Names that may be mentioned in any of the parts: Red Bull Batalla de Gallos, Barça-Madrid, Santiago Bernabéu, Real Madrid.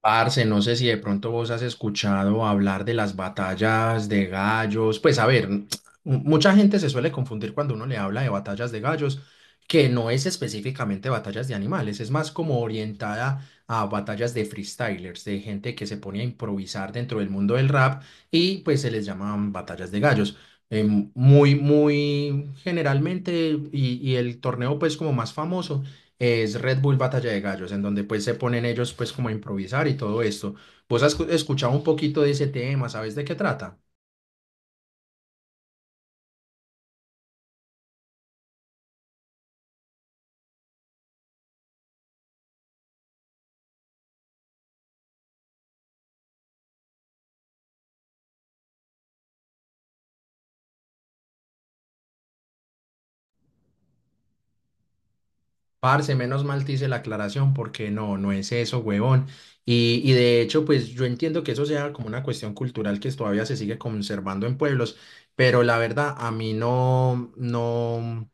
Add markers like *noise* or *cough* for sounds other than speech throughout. Parce, no sé si de pronto vos has escuchado hablar de las batallas de gallos. Pues a ver, mucha gente se suele confundir cuando uno le habla de batallas de gallos, que no es específicamente batallas de animales, es más como orientada a batallas de freestylers, de gente que se pone a improvisar dentro del mundo del rap y pues se les llaman batallas de gallos. Muy, muy generalmente, y el torneo pues como más famoso es Red Bull Batalla de Gallos, en donde pues se ponen ellos pues como a improvisar y todo esto. ¿Vos has escuchado un poquito de ese tema? ¿Sabes de qué trata? Parce, menos mal te hice la aclaración porque no, no es eso, huevón. Y de hecho, pues yo entiendo que eso sea como una cuestión cultural que todavía se sigue conservando en pueblos, pero la verdad a mí no, no,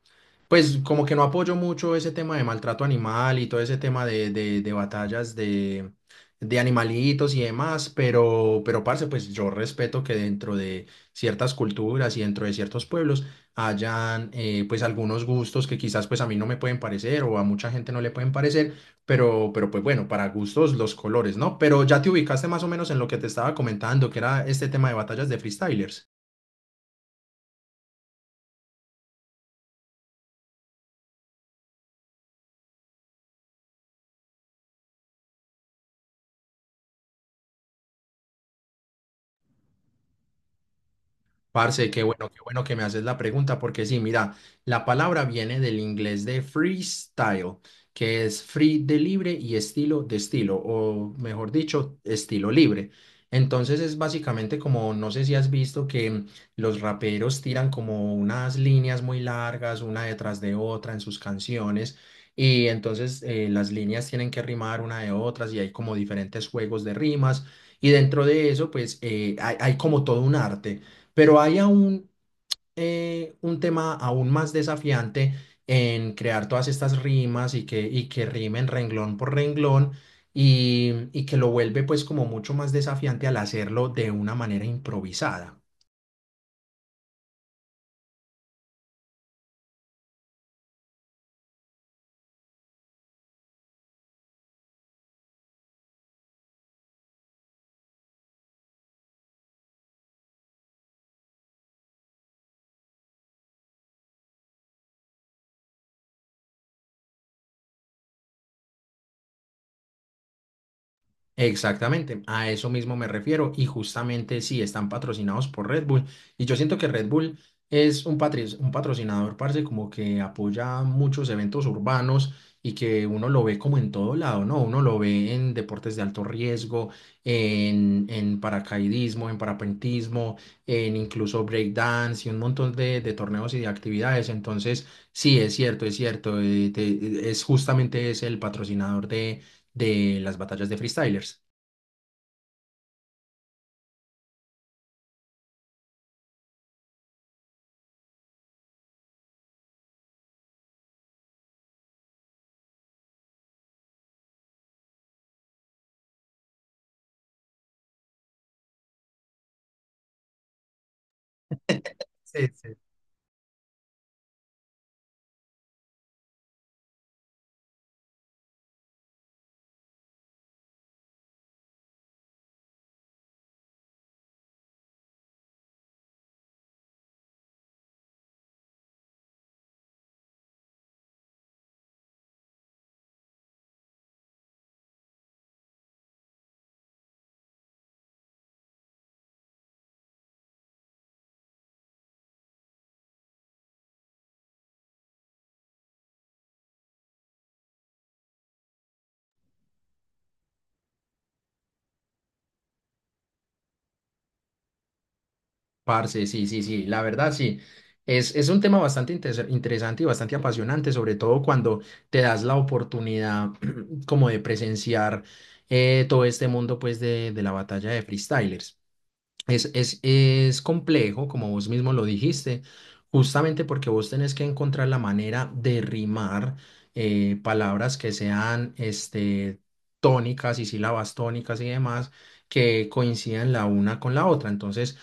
pues como que no apoyo mucho ese tema de maltrato animal y todo ese tema de batallas de animalitos y demás, pero parce, pues yo respeto que dentro de ciertas culturas y dentro de ciertos pueblos hayan pues algunos gustos que quizás pues a mí no me pueden parecer o a mucha gente no le pueden parecer, pero pues bueno, para gustos los colores, ¿no? Pero ya te ubicaste más o menos en lo que te estaba comentando, que era este tema de batallas de freestylers. Parce, qué bueno que me haces la pregunta, porque sí, mira, la palabra viene del inglés de freestyle, que es free de libre y estilo de estilo, o mejor dicho, estilo libre. Entonces es básicamente como, no sé si has visto que los raperos tiran como unas líneas muy largas, una detrás de otra en sus canciones, y entonces las líneas tienen que rimar una de otras y hay como diferentes juegos de rimas, y dentro de eso, pues hay hay como todo un arte. Pero hay aún un tema aún más desafiante en crear todas estas rimas y que rimen renglón por renglón y que lo vuelve pues como mucho más desafiante al hacerlo de una manera improvisada. Exactamente, a eso mismo me refiero y justamente sí están patrocinados por Red Bull y yo siento que Red Bull es un, un patrocinador, parce, como que apoya muchos eventos urbanos y que uno lo ve como en todo lado, ¿no? Uno lo ve en deportes de alto riesgo, en paracaidismo, en parapentismo, en incluso breakdance y un montón de torneos y de actividades. Entonces, sí, es cierto, es cierto, es justamente es el patrocinador de las batallas de freestylers. Sí, sí. Parce, sí, sí, sí, la verdad sí. Es un tema bastante interesante y bastante apasionante, sobre todo cuando te das la oportunidad *clears throat* como de presenciar todo este mundo pues de la batalla de freestylers. Es complejo, como vos mismo lo dijiste, justamente porque vos tenés que encontrar la manera de rimar palabras que sean este, tónicas y sílabas tónicas y demás que coincidan la una con la otra. Entonces,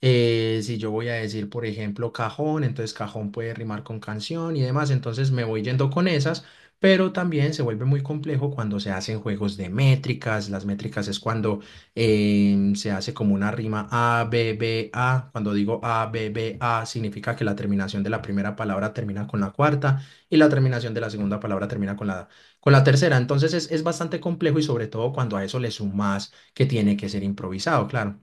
si yo voy a decir, por ejemplo, cajón, entonces cajón puede rimar con canción y demás, entonces me voy yendo con esas, pero también se vuelve muy complejo cuando se hacen juegos de métricas. Las métricas es cuando se hace como una rima A, B, B, A. Cuando digo A, B, B, A, significa que la terminación de la primera palabra termina con la cuarta y la terminación de la segunda palabra termina con la tercera. Entonces es bastante complejo y sobre todo cuando a eso le sumas que tiene que ser improvisado, claro.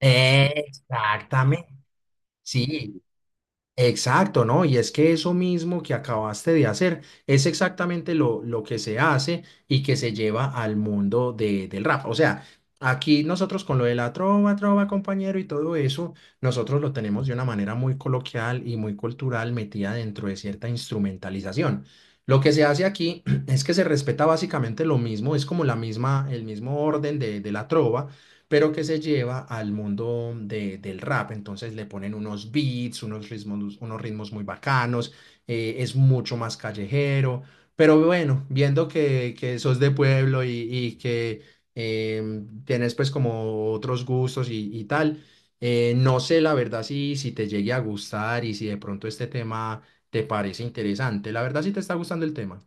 Exactamente. Sí. Exacto, ¿no? Y es que eso mismo que acabaste de hacer es exactamente lo que se hace y que se lleva al mundo del rap. O sea, aquí nosotros con lo de la trova, trova, compañero y todo eso, nosotros lo tenemos de una manera muy coloquial y muy cultural metida dentro de cierta instrumentalización. Lo que se hace aquí *clears throat* es que se respeta básicamente lo mismo, es como la misma, el mismo orden de la trova pero que se lleva al mundo del rap. Entonces le ponen unos beats, unos ritmos muy bacanos, es mucho más callejero. Pero bueno, viendo que sos de pueblo y que tienes pues como otros gustos y tal, no sé la verdad si, si te llegue a gustar y si de pronto este tema te parece interesante. La verdad si te está gustando el tema.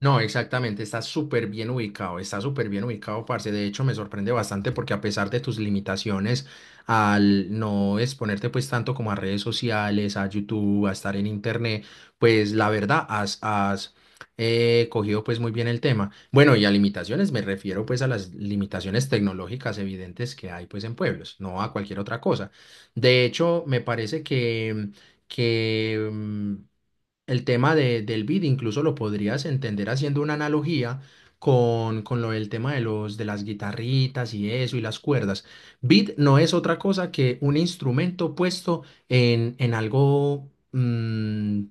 No, exactamente, está súper bien ubicado, está súper bien ubicado, parce. De hecho, me sorprende bastante porque a pesar de tus limitaciones al no exponerte pues tanto como a redes sociales, a YouTube, a estar en internet, pues la verdad has, has cogido pues muy bien el tema. Bueno, y a limitaciones me refiero pues a las limitaciones tecnológicas evidentes que hay pues en pueblos, no a cualquier otra cosa. De hecho, me parece que que el tema del beat incluso lo podrías entender haciendo una analogía con lo del tema de los, de las guitarritas y eso y las cuerdas. Beat no es otra cosa que un instrumento puesto en algo mm,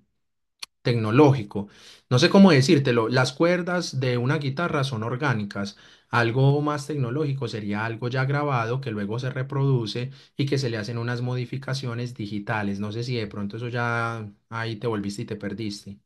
tecnológico. No sé cómo decírtelo. Las cuerdas de una guitarra son orgánicas. Algo más tecnológico sería algo ya grabado que luego se reproduce y que se le hacen unas modificaciones digitales. No sé si de pronto eso ya ahí te volviste y te perdiste.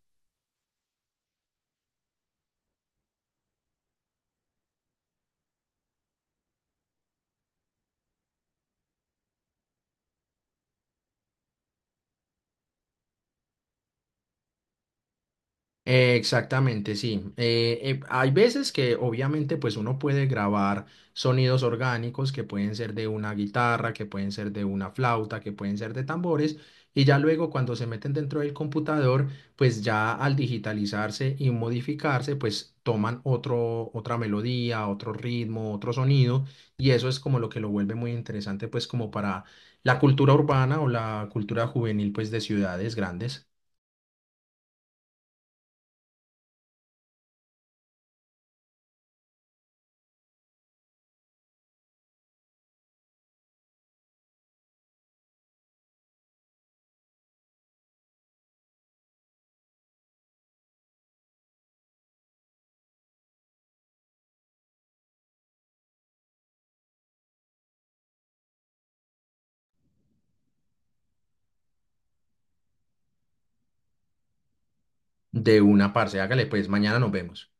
Exactamente, sí. Hay veces que obviamente pues uno puede grabar sonidos orgánicos que pueden ser de una guitarra, que pueden ser de una flauta, que pueden ser de tambores y ya luego cuando se meten dentro del computador pues ya al digitalizarse y modificarse pues toman otro, otra melodía, otro ritmo, otro sonido y eso es como lo que lo vuelve muy interesante pues como para la cultura urbana o la cultura juvenil pues de ciudades grandes. De una parce, hágale pues, mañana nos vemos.